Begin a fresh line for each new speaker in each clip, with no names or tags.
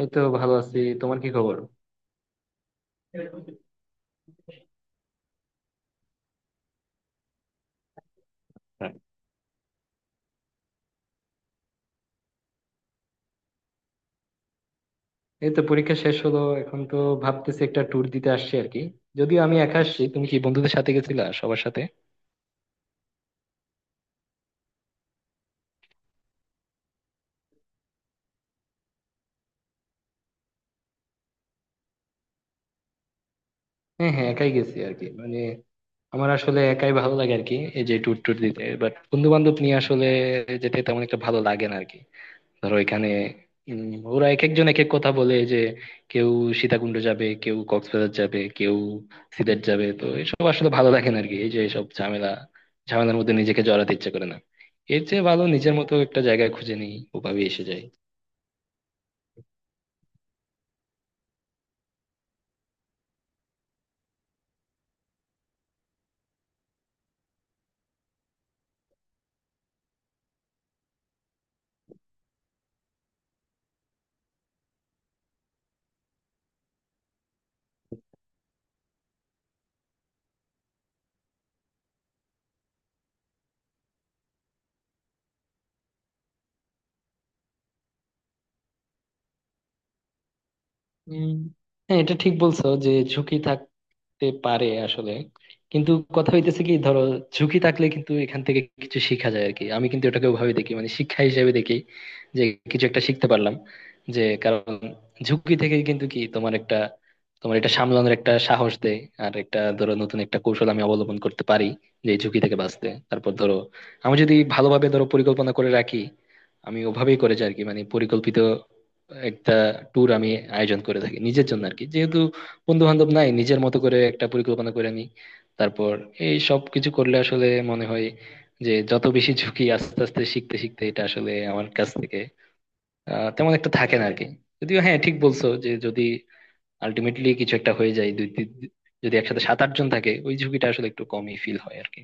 এই তো ভালো আছি, তোমার কি খবর? হ্যাঁ, এই তো পরীক্ষা শেষ হলো। এখন তো ভাবতেছি একটা ট্যুর দিতে আসছি আর কি। যদিও আমি একা আসছি। তুমি কি বন্ধুদের সাথে গেছিলা, সবার সাথে? হ্যাঁ হ্যাঁ, একাই গেছি আর কি, মানে আমার আসলে একাই ভালো লাগে আর কি, এই যে ট্যুর ট্যুর দিতে। বাট বন্ধু বান্ধব নিয়ে আসলে যেতে তেমন একটা ভালো লাগে না আর কি। ধরো এখানে উম, ওরা এক একজন এক এক কথা বলে যে, কেউ সীতাকুণ্ড যাবে, কেউ কক্সবাজার যাবে, কেউ সিলেট যাবে। তো এসব আসলে ভালো লাগে না আরকি, এই যে এসব ঝামেলা ঝামেলার মধ্যে নিজেকে জড়াতে ইচ্ছে করে না। এর চেয়ে ভালো নিজের মতো একটা জায়গায় খুঁজে নিই, ওভাবে এসে যায়। হম। হ্যাঁ, এটা ঠিক বলছো যে ঝুঁকি তে পারে আসলে। কিন্তু কথা হইতেছে কি, ধরো ঝুঁকি থাকলে কিন্তু এখান থেকে কিছু শিখা যায় আর কি। আমি কিন্তু এটাকে ওভাবে দেখি, মানে শিক্ষা হিসেবে দেখি, যে কিছু একটা শিখতে পারলাম। যে কারণ ঝুঁকি থেকে কিন্তু কি, তোমার এটা সামলানোর একটা সাহস দেয়। আর একটা ধরো নতুন একটা কৌশল আমি অবলম্বন করতে পারি, যে এই ঝুঁকি থেকে বাঁচতে। তারপর ধরো আমি যদি ভালোভাবে ধরো পরিকল্পনা করে রাখি, আমি ওভাবেই করে যাই আর কি, মানে পরিকল্পিত একটা ট্যুর আমি আয়োজন করে থাকি নিজের জন্য আর কি। যেহেতু বন্ধু বান্ধব নাই, নিজের মতো করে একটা পরিকল্পনা করে নি। তারপর এই সব কিছু করলে আসলে মনে হয় যে, যত বেশি ঝুঁকি আস্তে আস্তে শিখতে শিখতে এটা আসলে আমার কাছ থেকে তেমন একটা থাকে না আরকি। যদিও হ্যাঁ, ঠিক বলছো যে যদি আলটিমেটলি কিছু একটা হয়ে যায়, যদি একসাথে সাত আট জন থাকে ওই ঝুঁকিটা আসলে একটু কমই ফিল হয় আরকি।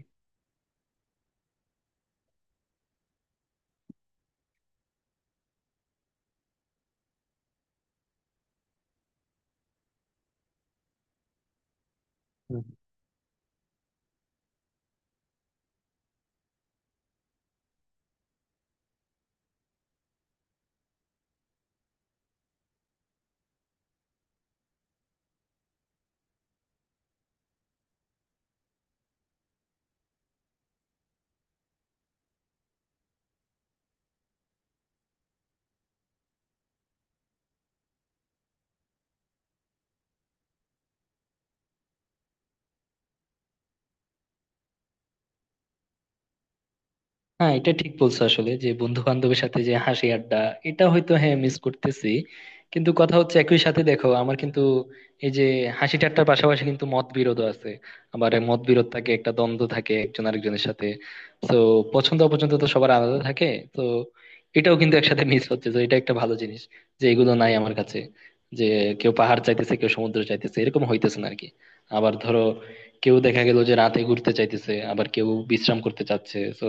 হ্যাঁ, এটা ঠিক বলছো আসলে যে বন্ধু বান্ধবের সাথে যে হাসি আড্ডা, এটা হয়তো হ্যাঁ মিস করতেছি। কিন্তু কথা হচ্ছে একই সাথে দেখো আমার কিন্তু এই যে হাসি ঠাট্টার পাশাপাশি কিন্তু মত বিরোধ আছে। আবার এই মত বিরোধ থাকে, একটা দ্বন্দ্ব থাকে একজন আরেকজনের সাথে। তো পছন্দ অপছন্দ তো সবার আলাদা থাকে। তো এটাও কিন্তু একসাথে মিস হচ্ছে, তো এটা একটা ভালো জিনিস যে এগুলো নাই আমার কাছে। যে কেউ পাহাড় চাইতেছে, কেউ সমুদ্র চাইতেছে, এরকম হইতেছে না আরকি। আবার ধরো কেউ দেখা গেল যে রাতে ঘুরতে চাইতেছে, আবার কেউ বিশ্রাম করতে চাচ্ছে। তো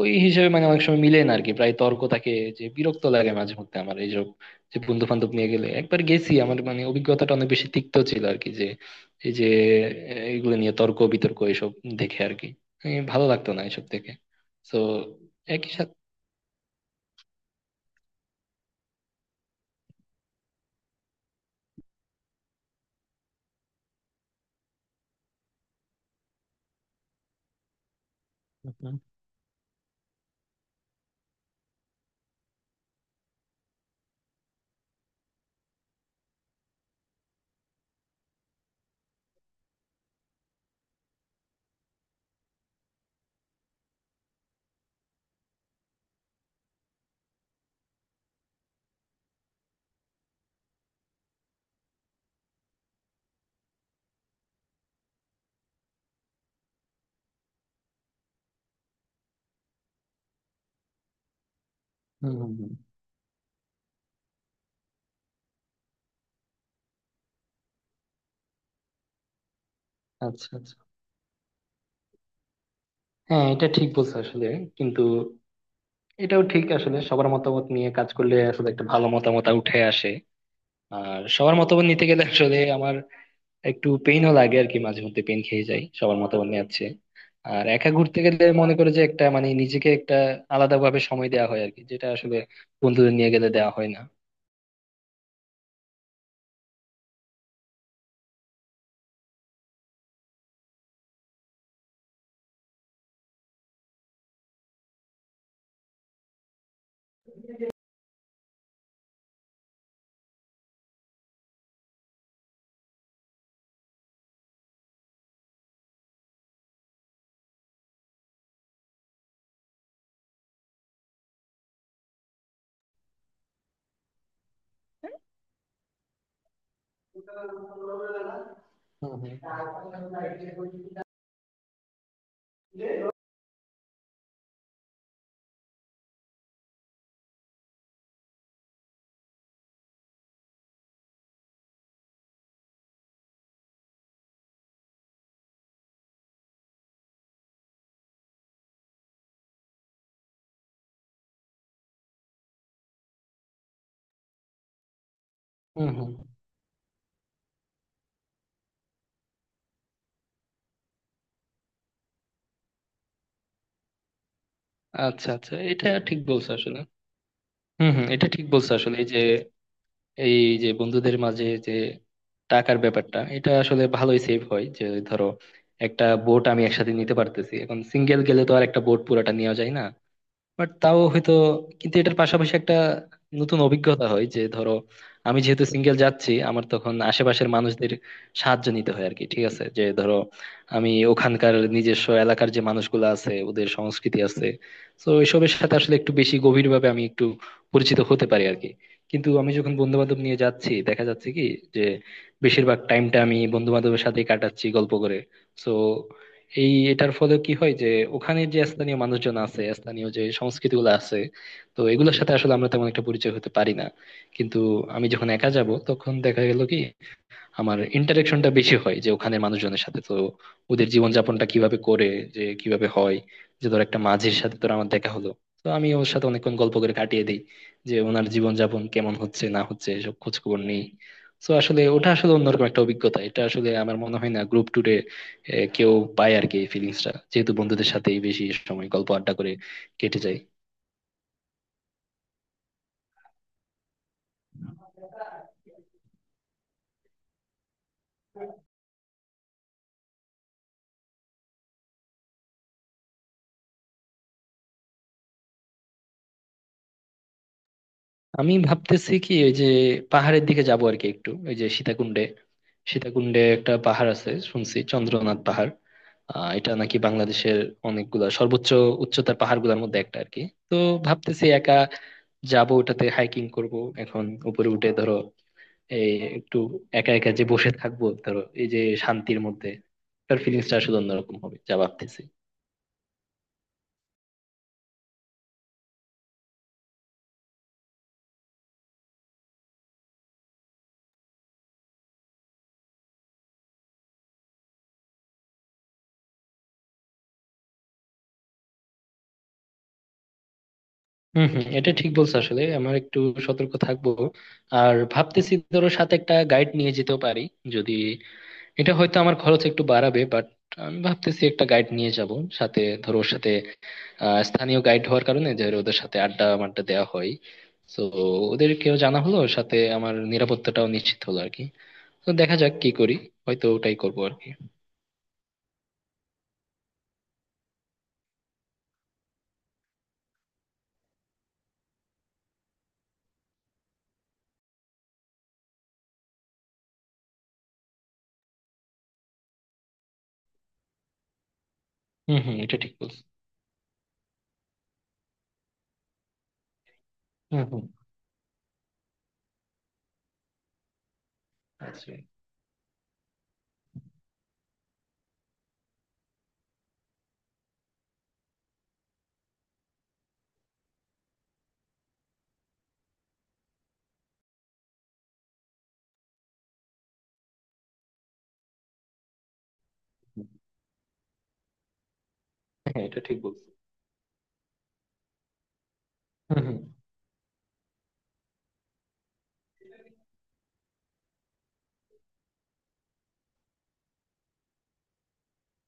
ওই হিসেবে মানে অনেক সময় মিলে না আরকি, প্রায় তর্ক থাকে। যে বিরক্ত লাগে মাঝে মধ্যে আমার এইসব, যে বন্ধু বান্ধব নিয়ে গেলে একবার গেছি আমার মানে অভিজ্ঞতাটা অনেক বেশি তিক্ত ছিল আর কি, যে এই যে এগুলো নিয়ে তর্ক বিতর্ক এইসব দেখে আর কি এই ভালো লাগতো না এসব থেকে। তো একই সাথে হুম। হম হম হম। আচ্ছা আচ্ছা, হ্যাঁ, এটা ঠিক বলছো আসলে। কিন্তু এটাও ঠিক আসলে, সবার মতামত নিয়ে কাজ করলে আসলে একটা ভালো মতামত উঠে আসে। আর সবার মতামত নিতে গেলে আসলে আমার একটু পেইনও লাগে আর কি, মাঝে মধ্যে পেন খেয়ে যাই সবার মতামত নিয়ে আছে। আর একা ঘুরতে গেলে মনে করে যে একটা, মানে নিজেকে একটা আলাদা ভাবে সময় দেওয়া হয় আর কি, যেটা আসলে বন্ধুদের নিয়ে গেলে দেওয়া হয় না। হুম হুম। হুম হুম। আচ্ছা আচ্ছা, এটা ঠিক বলছো আসলে। হুম হুম, এটা ঠিক বলছো আসলে। এই যে বন্ধুদের মাঝে যে টাকার ব্যাপারটা, এটা আসলে ভালোই সেভ হয় যে, ধরো একটা বোট আমি একসাথে নিতে পারতেছি। এখন সিঙ্গেল গেলে তো আর একটা বোট পুরাটা নেওয়া যায় না। বাট তাও হয়তো, কিন্তু এটার পাশাপাশি একটা নতুন অভিজ্ঞতা হয়, যে ধরো আমি যেহেতু সিঙ্গেল যাচ্ছি, আমার তখন আশেপাশের মানুষদের সাহায্য নিতে হয় আর কি। ঠিক আছে, যে ধরো আমি ওখানকার নিজস্ব এলাকার যে মানুষগুলো আছে, ওদের সংস্কৃতি আছে, তো এসবের সাথে আসলে একটু বেশি গভীরভাবে আমি একটু পরিচিত হতে পারি আর কি। কিন্তু আমি যখন বন্ধু বান্ধব নিয়ে যাচ্ছি, দেখা যাচ্ছে কি যে বেশিরভাগ টাইমটা আমি বন্ধু বান্ধবের সাথেই কাটাচ্ছি গল্প করে। তো এটার ফলে কি হয় যে, ওখানের যে স্থানীয় মানুষজন আছে, স্থানীয় যে সংস্কৃতি গুলো আছে, তো এগুলোর সাথে আসলে আমরা তেমন একটা পরিচয় হতে পারি না। কিন্তু আমি যখন একা যাব তখন দেখা গেল কি, আমার ইন্টারেকশনটা বেশি হয় যে ওখানে মানুষজনের সাথে। তো ওদের জীবনযাপনটা কিভাবে করে, যে কিভাবে হয়, যে ধর একটা মাঝির সাথে তোর আমার দেখা হলো, তো আমি ওর সাথে অনেকক্ষণ গল্প করে কাটিয়ে দিই, যে ওনার জীবনযাপন কেমন হচ্ছে না হচ্ছে সব খোঁজ খবর নেই। তো আসলে ওটা আসলে অন্যরকম একটা অভিজ্ঞতা। এটা আসলে আমার মনে হয় না গ্রুপ ট্যুরে কেউ পায় আর কি এই ফিলিংসটা, যেহেতু বন্ধুদের সাথেই বেশি সময় গল্প আড্ডা করে কেটে যায়। আমি ভাবতেছি কি, ওই যে পাহাড়ের দিকে যাবো আর কি, একটু ওই যে সীতাকুণ্ডে সীতাকুণ্ডে একটা পাহাড় আছে শুনছি, চন্দ্রনাথ পাহাড়। এটা নাকি বাংলাদেশের অনেকগুলা সর্বোচ্চ উচ্চতার পাহাড়গুলোর মধ্যে একটা আর কি। তো ভাবতেছি একা যাব, ওটাতে হাইকিং করব। এখন উপরে উঠে ধরো এই একটু একা একা যে বসে থাকবো, ধরো এই যে শান্তির মধ্যে, তার ফিলিংসটা আসলে অন্যরকম হবে যা ভাবতেছি। হম হম, এটা ঠিক বলছো আসলে। আমার একটু সতর্ক থাকবো। আর ভাবতেছি ধরো সাথে একটা গাইড নিয়ে যেতেও পারি, যদি। এটা হয়তো আমার খরচ একটু বাড়াবে, বাট আমি ভাবতেছি একটা গাইড নিয়ে যাব সাথে। ধরো ওর সাথে স্থানীয় গাইড হওয়ার কারণে যে ওদের সাথে আড্ডা মাড্ডা দেওয়া হয়, তো ওদেরকেও জানা হলো, সাথে আমার নিরাপত্তাটাও নিশ্চিত হলো আর কি। তো দেখা যাক কি করি, হয়তো ওটাই করবো আর কি। হম হম, এটা ঠিক বলছো। হুম হুম। আচ্ছা, হ্যাঁ, এটা ঠিক বলছো। হুম হুম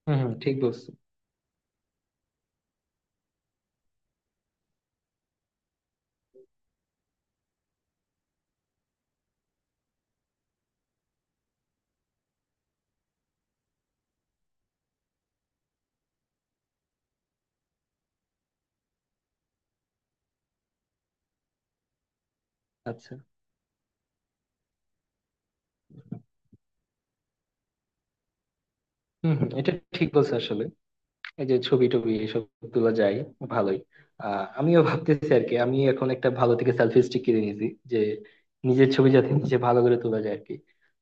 হুম হুম, ঠিক বলছো। আচ্ছা। হুম হুম, এটা ঠিক বলছো আসলে। এই যে ছবি টবি এসব গুলো যাই, ভালোই। আমিও ভাবতেছি আর কি, আমি এখন একটা ভালো থেকে সেলফি স্টিক কিনে নিয়েছি, যে নিজের ছবি যাতে নিজে ভালো করে তোলা যায় আর কি।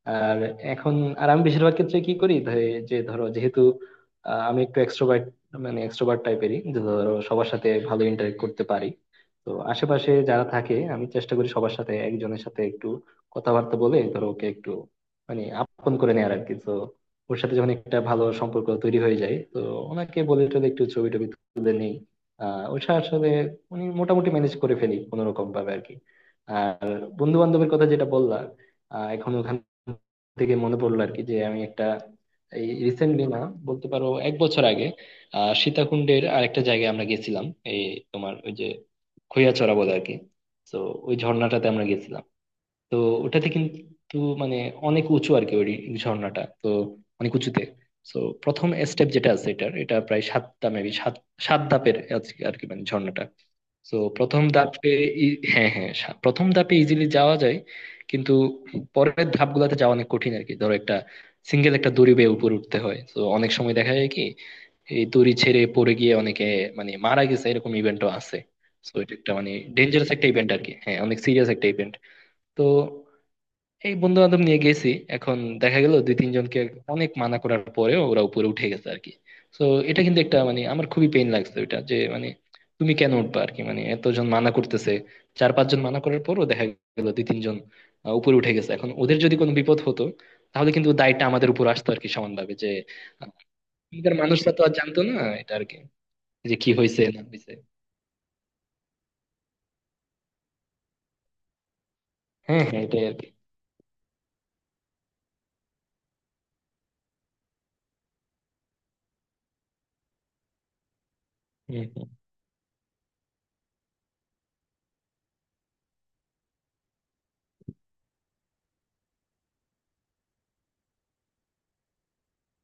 আর এখন, আর আমি বেশিরভাগ ক্ষেত্রে কি করি, যে ধরো যেহেতু আমি একটু এক্সট্রোভার্ট, মানে এক্সট্রোভার্ট টাইপেরই, যে ধরো সবার সাথে ভালো ইন্টারেক্ট করতে পারি। তো আশেপাশে যারা থাকে আমি চেষ্টা করি সবার সাথে, একজনের সাথে একটু কথাবার্তা বলে, ধরো ওকে একটু মানে আপন করে নেয়ার আর কি। তো ওর সাথে যখন একটা ভালো সম্পর্ক তৈরি হয়ে যায়, তো ওনাকে বলে টলে একটু ছবি টবি তুলে নেই। ওর সাথে আসলে উনি মোটামুটি ম্যানেজ করে ফেলি কোনো রকম ভাবে আর কি। আর বন্ধু বান্ধবের কথা যেটা বললাম, এখন ওখান থেকে মনে পড়লো আর কি, যে আমি একটা, এই রিসেন্টলি না, বলতে পারো এক বছর আগে, সীতাকুণ্ডের আরেকটা জায়গায় আমরা গেছিলাম, এই তোমার ওই যে খৈয়াছড়া বলে আর কি। তো ওই ঝর্ণাটাতে আমরা গেছিলাম। তো ওটাতে কিন্তু মানে অনেক উঁচু আর কি, ওই ঝর্ণাটা তো অনেক উঁচুতে। তো প্রথম স্টেপ যেটা আছে এটার, এটা প্রায় সাতটা মেবি, সাত সাত ধাপের আছে আর কি, মানে ঝর্ণাটা। তো প্রথম ধাপে হ্যাঁ হ্যাঁ, প্রথম ধাপে ইজিলি যাওয়া যায়। কিন্তু পরের ধাপগুলোতে যাওয়া অনেক কঠিন আর কি, ধরো একটা সিঙ্গেল একটা দড়ি বেয়ে উপরে উঠতে হয়। তো অনেক সময় দেখা যায় কি, এই দড়ি ছেড়ে পড়ে গিয়ে অনেকে মানে মারা গেছে, এরকম ইভেন্টও আছে। তো এটা একটা মানে ডেঞ্জারাস একটা ইভেন্ট আর কি, হ্যাঁ অনেক সিরিয়াস একটা ইভেন্ট। তো এই বন্ধু বান্ধব নিয়ে গেছি, এখন দেখা গেল দুই তিনজনকে অনেক মানা করার পরে ওরা উপরে উঠে গেছে আর কি। তো এটা কিন্তু একটা মানে আমার খুবই পেইন লাগছে ওইটা যে, মানে তুমি কেন উঠবা আর কি, মানে এতজন মানা করতেছে। চার পাঁচজন মানা করার পরও দেখা গেল দুই তিনজন উপরে উঠে গেছে। এখন ওদের যদি কোনো বিপদ হতো, তাহলে কিন্তু দায়টা আমাদের উপর আসতো আর কি সমানভাবে, যে আহ, এখানকার মানুষরা তো আর জানতো না এটা আর কি, যে কি হয়েছে না হয়েছে। হ্যাঁ হ্যাঁ, এটাই আর কি। হম হম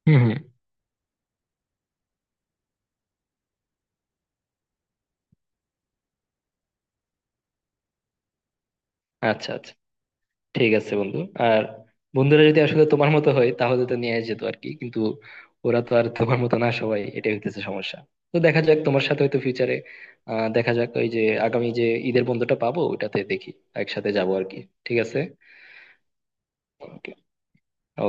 হম হম। আচ্ছা আচ্ছা, ঠিক আছে বন্ধু। আর বন্ধুরা যদি আসলে তোমার মতো হয় তাহলে তো নিয়ে যেত আর কি, কিন্তু ওরা তো আর তোমার মতো না সবাই, এটাই হইতেছে সমস্যা। তো দেখা যাক তোমার সাথে হয়তো ফিউচারে, দেখা যাক ওই যে আগামী যে ঈদের বন্ধুটা পাবো ওটাতে দেখি একসাথে যাবো আর কি। ঠিক আছে। ওকে। ওকে।